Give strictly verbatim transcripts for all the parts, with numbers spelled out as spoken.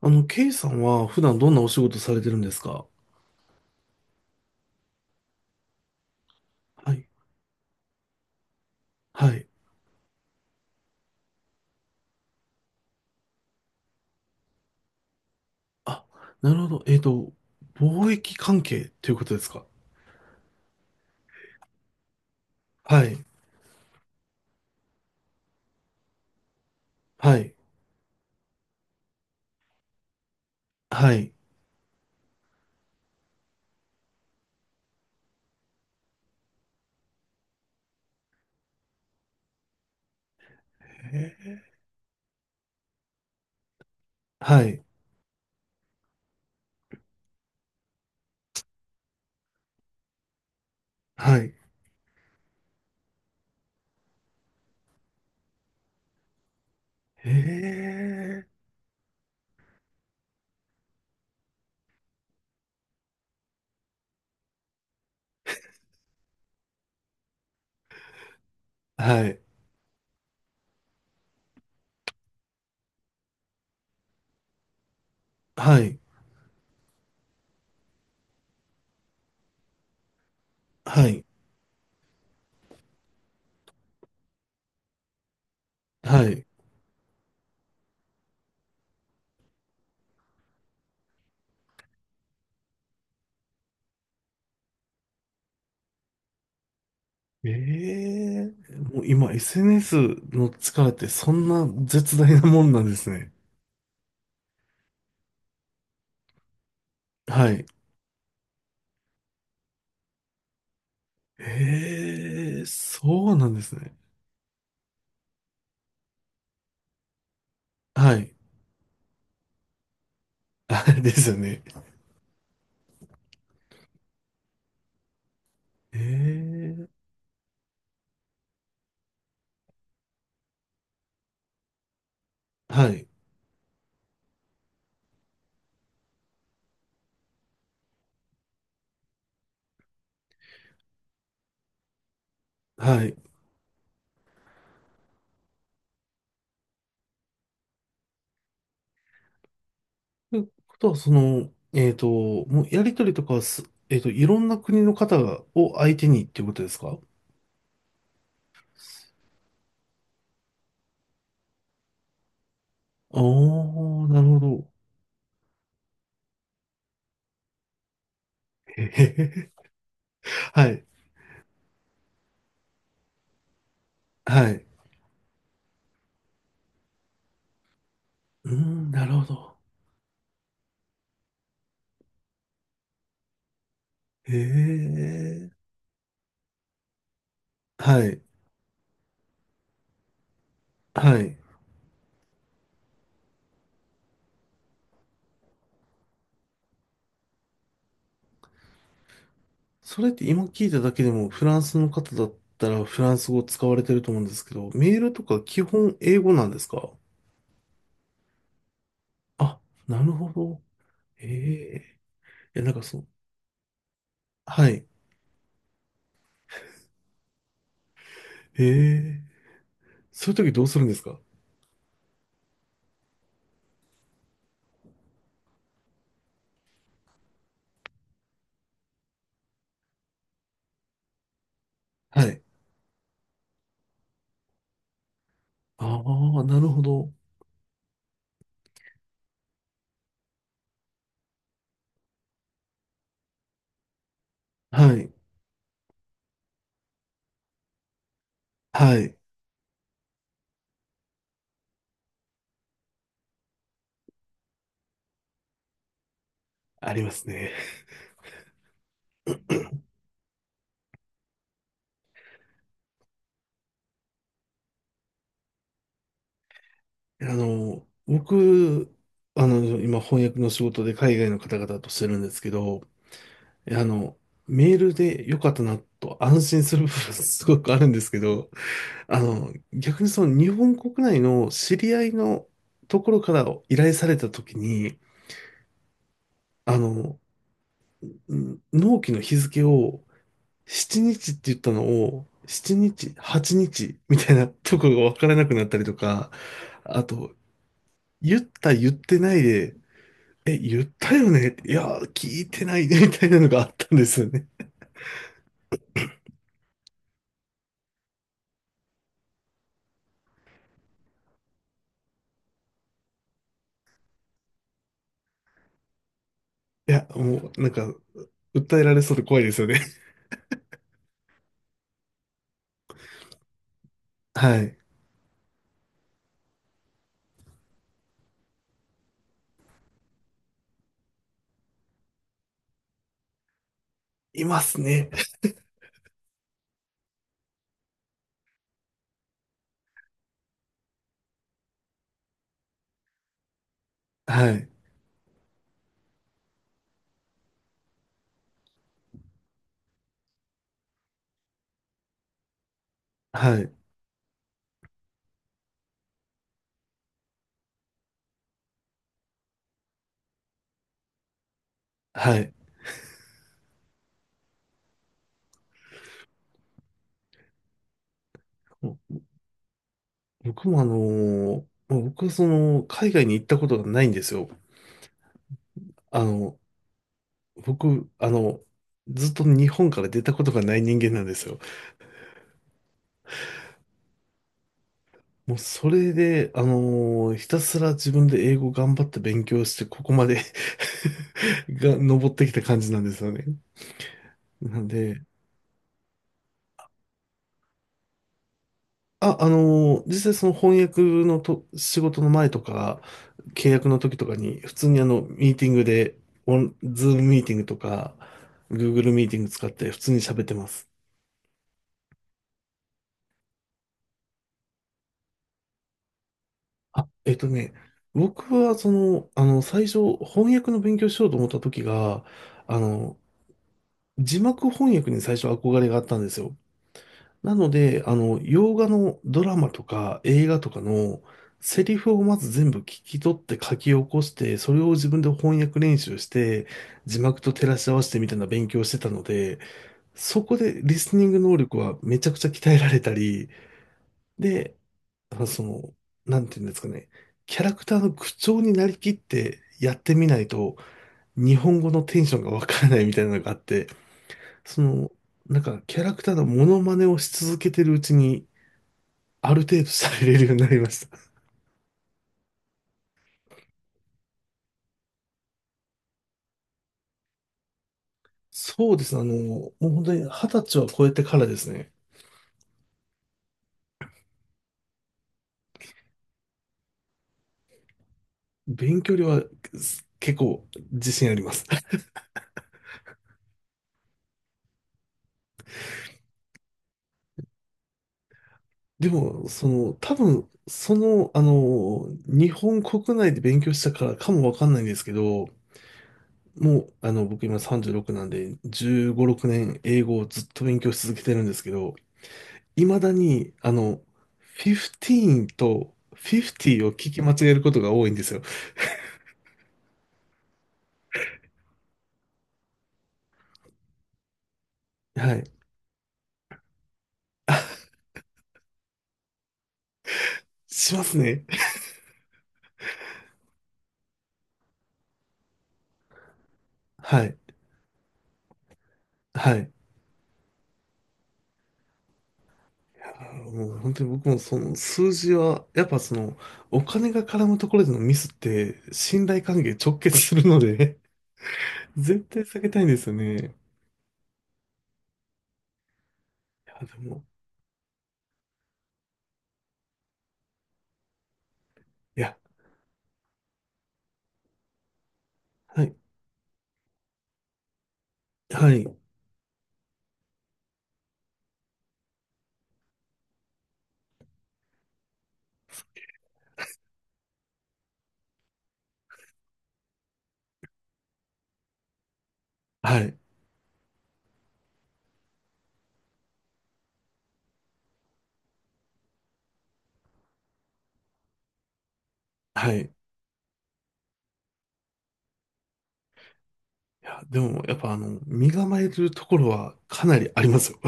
あの、ケイさんは普段どんなお仕事されてるんですか？はい。はい。あ、なるほど。えっと、貿易関係ということですか？はい。はい。はい。へーはい。はい。へえ。はい。はい。はい。はい。ええ。もう今 エスエヌエス の力ってそんな絶大なもんなんですね。はい。ええ、そうなんですね。はい。あですよね。ええ。はい。はい。ということは、その、えっと、もうやりとりとかはす、えっと、いろんな国の方がを相手にっていうことですか？ああー、なるほど。へへへ。はい、はい。うん、なるほど。へえ。はい、はい。それって今聞いただけでも、フランスの方だったらフランス語使われてると思うんですけど、メールとか基本英語なんですか？あ、なるほど。へえ。いや、なんかそう。はい。へえ。そういう時どうするんですか？はい。ああ、なるほど。はい。はい。ありますね。あの、僕、あの、今翻訳の仕事で海外の方々としてるんですけど、あの、メールで良かったなと安心する部分すごくあるんですけど、あの、逆にその日本国内の知り合いのところから依頼された時に、あの、納期の日付をなのかって言ったのを、なのか、ようかみたいなところがわからなくなったりとか、あと、言った言ってないで、え、言ったよねいや、聞いてないねみたいなのがあったんですよね。いや、もう、なんか、訴えられそうで怖いですよね。はい。いますね。はい。はい。はい。僕もあのーまあ僕はその、海外に行ったことがないんですよ。あの、僕、あの、ずっと日本から出たことがない人間なんですよ。もうそれで、あのーひたすら自分で英語頑張って勉強して、ここまで が、登ってきた感じなんですよね。なんで、あ、あのー実際その翻訳のと仕事の前とか、契約の時とかに、普通にあの、ミーティングで、オン、ズームミーティングとか、Google ミーティング使って普通に喋ってます。あ、えっとね、僕はその、あの、最初、翻訳の勉強しようと思った時が、あの、字幕翻訳に最初憧れがあったんですよ。なので、あの、洋画のドラマとか映画とかのセリフをまず全部聞き取って書き起こして、それを自分で翻訳練習して、字幕と照らし合わせてみたいな勉強をしてたので、そこでリスニング能力はめちゃくちゃ鍛えられたり、で、あその、なんていうんですかね、キャラクターの口調になりきってやってみないと、日本語のテンションがわからないみたいなのがあって、その、なんかキャラクターのモノマネをし続けてるうちに、ある程度されれるようになりました。そうですね。あの、もう本当に二十歳は超えてからですね。勉強量はす結構自信あります。でも、その、多分、その、あの、日本国内で勉強したからかもわかんないんですけど、もう、あの、僕今さんじゅうろくなんで、じゅうご、ろくねん英語をずっと勉強し続けてるんですけど、未だに、あの、じゅうごとごじゅうを聞き間違えることが多いんですよ。はい。しますね。はい。はい。もう本当に僕もその数字は、やっぱその、お金が絡むところでのミスって、信頼関係直結するので 絶対避けたいんですよね。いや、でも、いや、はい、はい、はい、はい。いや、でも、やっぱあの、身構えるところはかなりありますよ。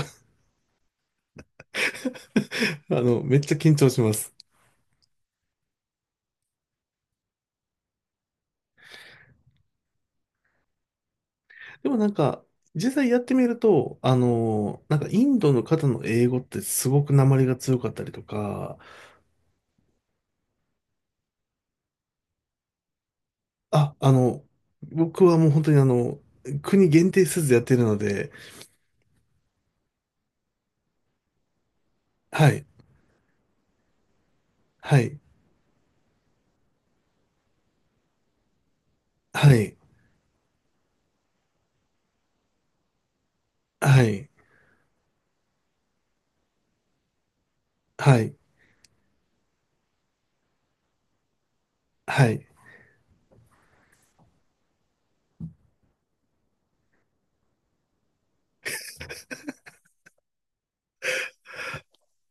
あの、めっちゃ緊張します。でもなんか、実際やってみると、あの、なんかインドの方の英語ってすごく訛りが強かったりとか、あ、あの、僕はもう本当にあの、国限定せずやってるので、はい、はい、はい、はい、はい、はい、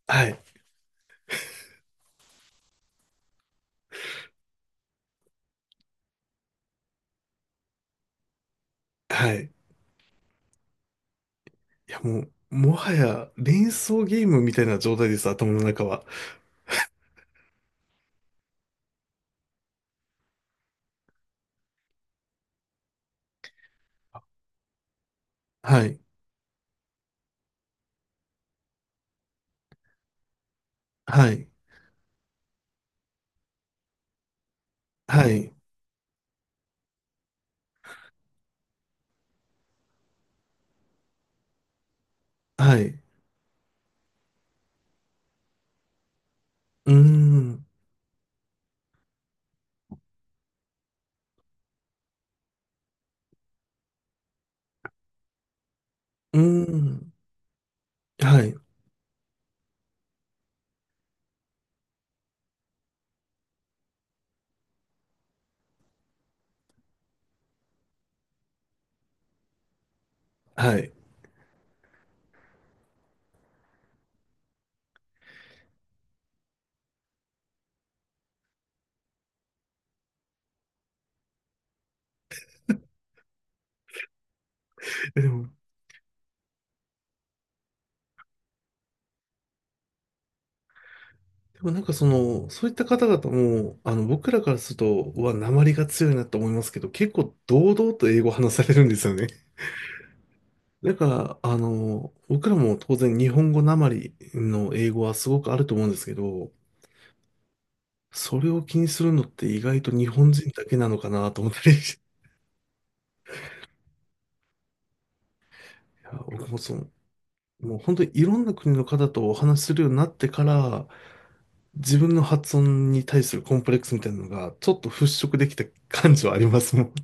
はい、はい。いやもう、もはや連想ゲームみたいな状態です、頭の中は。はい、はい、はい、はい、うーん、うーん、はい、はい。えでも、でもなんかその、そういった方々も、あの、僕らからすると、うわ、訛りが強いなと思いますけど、結構堂々と英語話されるんですよね。だから、あの、僕らも当然日本語なまりの英語はすごくあると思うんですけど、それを気にするのって意外と日本人だけなのかなと思ったり、いや、僕もその、もう本当にいろんな国の方とお話しするようになってから、自分の発音に対するコンプレックスみたいなのがちょっと払拭できた感じはありますもん。